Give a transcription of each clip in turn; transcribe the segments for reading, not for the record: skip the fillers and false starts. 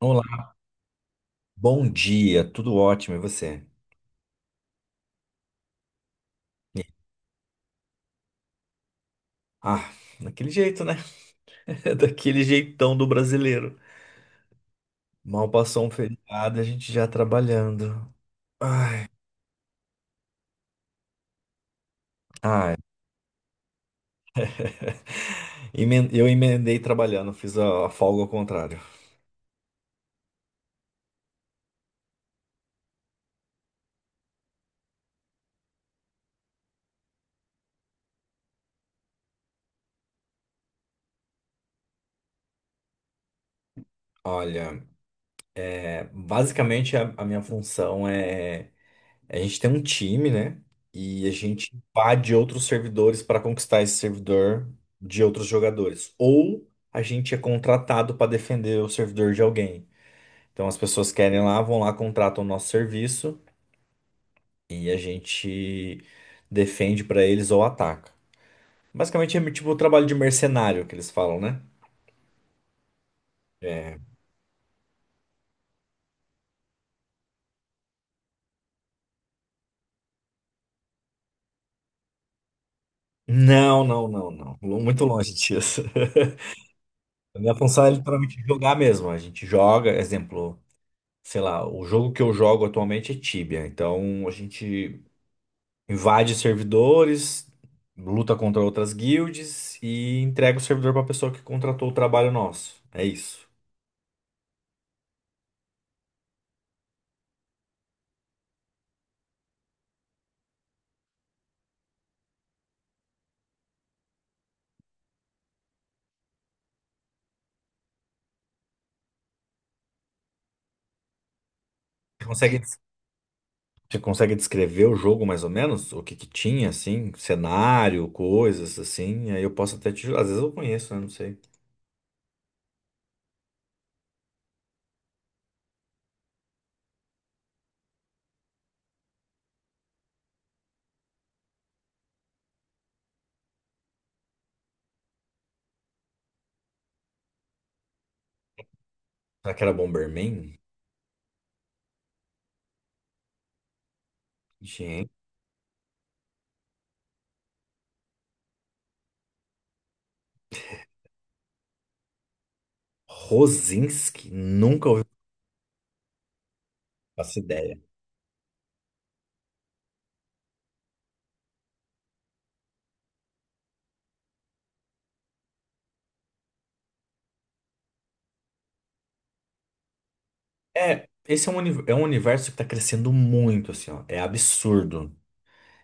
Olá, bom dia, tudo ótimo, e você? E- Ah, daquele jeito, né? Daquele jeitão do brasileiro. Mal passou um feriado, a gente já trabalhando. Ai, ai. Eu emendei trabalhando, fiz a folga ao contrário. Olha, basicamente a minha função. A gente tem um time, né? E a gente invade outros servidores para conquistar esse servidor de outros jogadores. Ou a gente é contratado para defender o servidor de alguém. Então as pessoas querem lá, vão lá, contratam o nosso serviço e a gente defende pra eles ou ataca. Basicamente é tipo o trabalho de mercenário que eles falam, né? É. Não, não, não, não. Muito longe disso. A minha função é literalmente jogar mesmo. A gente joga, exemplo, sei lá, o jogo que eu jogo atualmente é Tibia. Então a gente invade servidores, luta contra outras guilds e entrega o servidor pra pessoa que contratou o trabalho nosso. É isso. Consegue Você consegue descrever o jogo mais ou menos? O que que tinha, assim? Cenário, coisas, assim? Aí eu posso até te ajudar. Às vezes eu conheço, né? Não sei. Será que era Bomberman? Gente. Rosinski? Nunca ouvi essa ideia. É, esse é um universo que tá crescendo muito, assim, ó. É absurdo.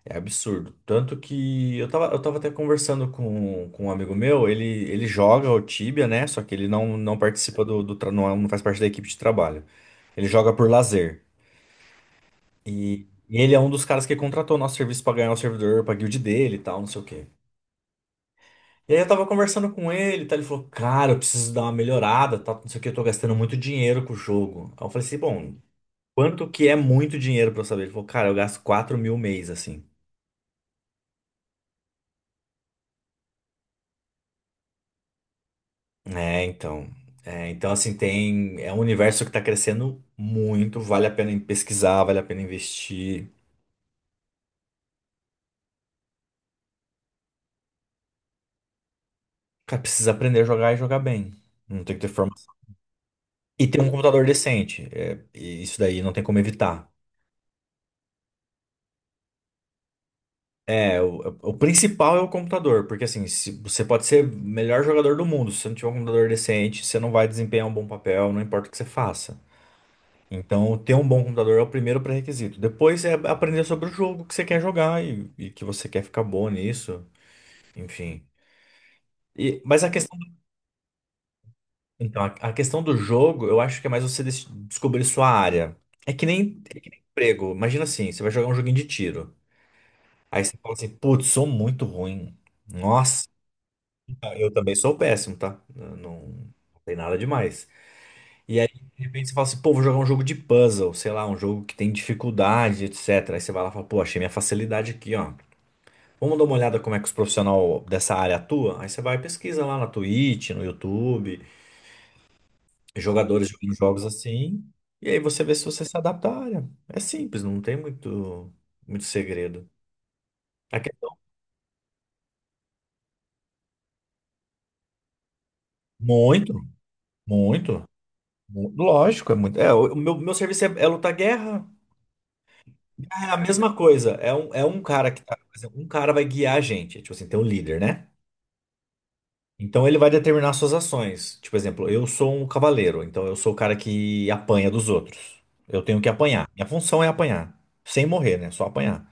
É absurdo. Tanto que eu tava até conversando com um amigo meu, ele joga o Tibia, né? Só que ele não participa do não faz parte da equipe de trabalho. Ele joga por lazer. E ele é um dos caras que contratou nosso serviço pra ganhar o servidor pra guild dele e tal, não sei o quê. E aí eu tava conversando com ele, tá? Ele falou, cara, eu preciso dar uma melhorada, tá? Não sei o que, eu tô gastando muito dinheiro com o jogo. Aí eu falei assim, bom, quanto que é muito dinheiro pra eu saber? Ele falou, cara, eu gasto 4.000 mês, assim. É, então. É, então, assim, tem. É um universo que tá crescendo muito, vale a pena em pesquisar, vale a pena investir. Cara, precisa aprender a jogar e jogar bem. Não tem que ter formação. E ter um computador decente. É, e isso daí não tem como evitar. É, o principal é o computador, porque assim, se, você pode ser o melhor jogador do mundo, se você não tiver um computador decente, você não vai desempenhar um bom papel, não importa o que você faça. Então, ter um bom computador é o primeiro pré-requisito. Depois é aprender sobre o jogo que você quer jogar e que você quer ficar bom nisso, enfim. E, mas a questão, então, a questão do jogo, eu acho que é mais você descobrir sua área. É que nem emprego. Imagina assim, você vai jogar um joguinho de tiro. Aí você fala assim, putz, sou muito ruim. Nossa. Ah, eu também sou péssimo, tá? Eu Não, não tem nada demais. E aí, de repente, você fala assim, pô, vou jogar um jogo de puzzle, sei lá, um jogo que tem dificuldade, etc. Aí você vai lá e fala, pô, achei minha facilidade aqui, ó. Vamos dar uma olhada como é que os profissionais dessa área atuam? Aí você vai e pesquisa lá na Twitch, no YouTube, jogadores jogando jogos assim, e aí você vê se você se adapta à área. É simples, não tem muito, muito segredo. A questão- Muito, muito. Lógico, é muito. É, o meu serviço é lutar guerra. É a mesma coisa. É um cara que tá. Por exemplo, um cara vai guiar a gente. Tipo assim, tem um líder, né? Então ele vai determinar suas ações. Tipo, por exemplo, eu sou um cavaleiro, então eu sou o cara que apanha dos outros. Eu tenho que apanhar. Minha função é apanhar. Sem morrer, né? Só apanhar.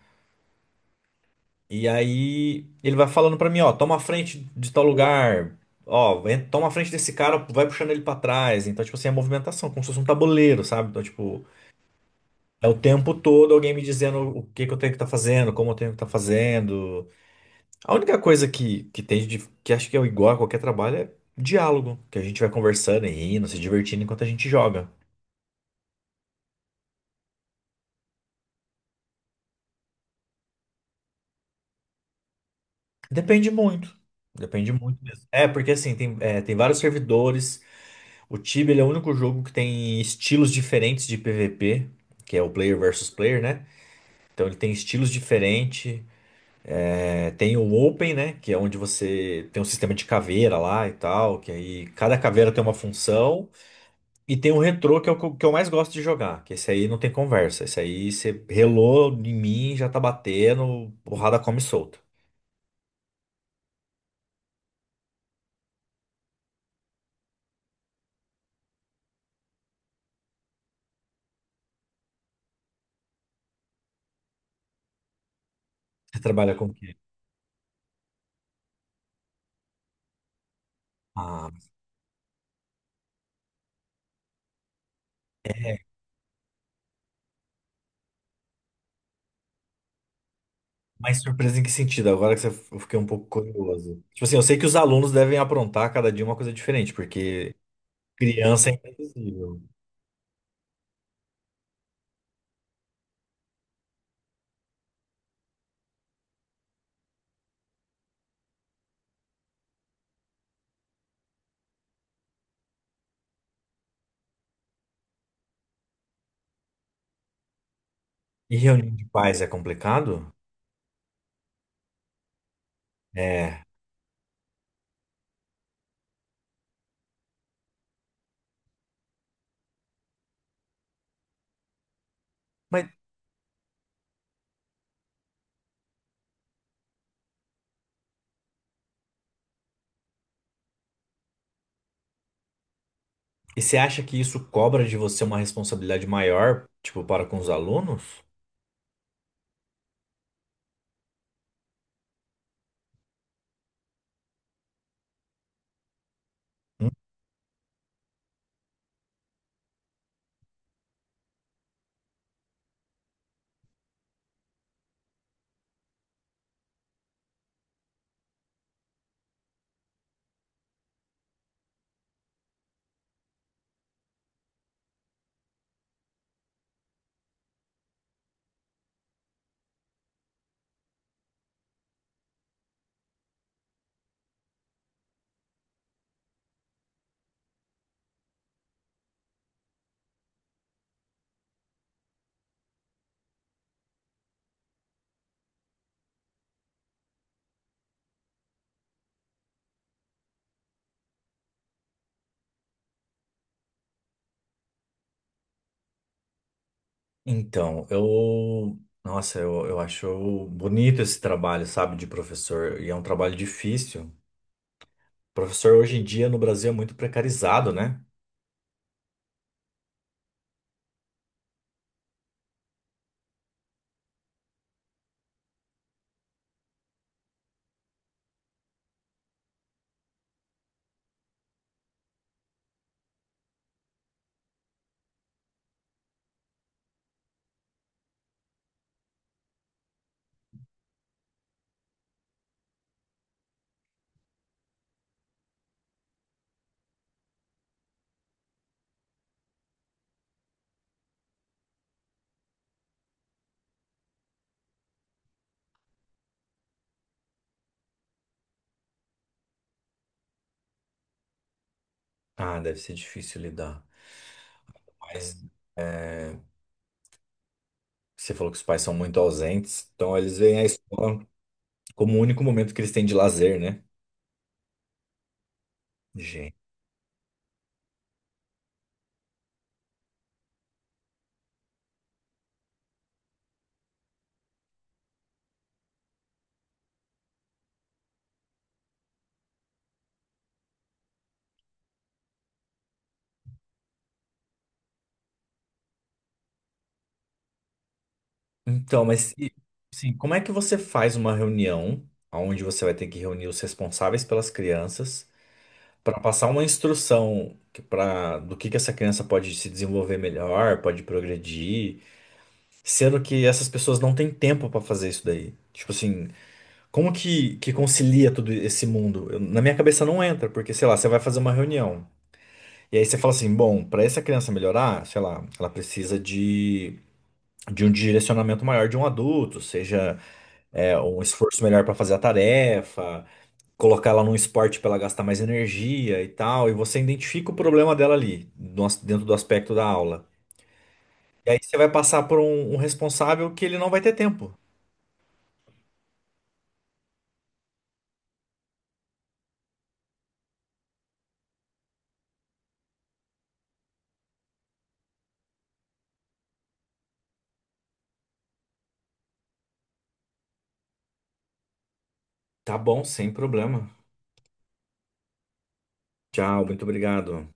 E aí ele vai falando pra mim, ó, toma a frente de tal lugar. Ó, toma a frente desse cara, vai puxando ele pra trás. Então, tipo assim, é movimentação, como se fosse um tabuleiro, sabe? Então, tipo, é o tempo todo alguém me dizendo o que que eu tenho que estar fazendo, como eu tenho que estar fazendo. A única coisa que que acho que é igual a qualquer trabalho é diálogo, que a gente vai conversando e rindo, se divertindo enquanto a gente joga. Depende muito. Depende muito mesmo. É, porque assim, tem vários servidores. O Tibia, ele é o único jogo que tem estilos diferentes de PVP, que é o player versus player, né? Então ele tem estilos diferentes. É, tem o Open, né? Que é onde você tem um sistema de caveira lá e tal, que aí cada caveira tem uma função. E tem o retrô que é o que eu mais gosto de jogar, que esse aí não tem conversa. Esse aí você relou em mim, já tá batendo, porrada come solta. Você trabalha com o quê? Ah, mas surpresa em que sentido? Agora que você, eu fiquei um pouco curioso. Tipo assim, eu sei que os alunos devem aprontar cada dia uma coisa diferente, porque criança é imprevisível. E reunião de pais é complicado? É. Mas e você acha que isso cobra de você uma responsabilidade maior, tipo, para com os alunos? Então, eu. Nossa, eu acho bonito esse trabalho, sabe, de professor. E é um trabalho difícil. Professor hoje em dia no Brasil é muito precarizado, né? Ah, deve ser difícil lidar. Mas você falou que os pais são muito ausentes, então eles veem a escola como o único momento que eles têm de lazer, né? Gente. Então, mas e, assim, como é que você faz uma reunião onde você vai ter que reunir os responsáveis pelas crianças? Para passar uma instrução para do que essa criança pode se desenvolver melhor, pode progredir, sendo que essas pessoas não têm tempo para fazer isso daí. Tipo assim, como que concilia todo esse mundo? Na minha cabeça não entra, porque sei lá, você vai fazer uma reunião e aí você fala assim, bom, para essa criança melhorar, sei lá, ela precisa de um direcionamento maior de um adulto, seja um esforço melhor para fazer a tarefa, colocar ela num esporte para ela gastar mais energia e tal, e você identifica o problema dela ali, no as- dentro do aspecto da aula. E aí você vai passar por um responsável que ele não vai ter tempo. Tá bom, sem problema. Tchau, muito obrigado.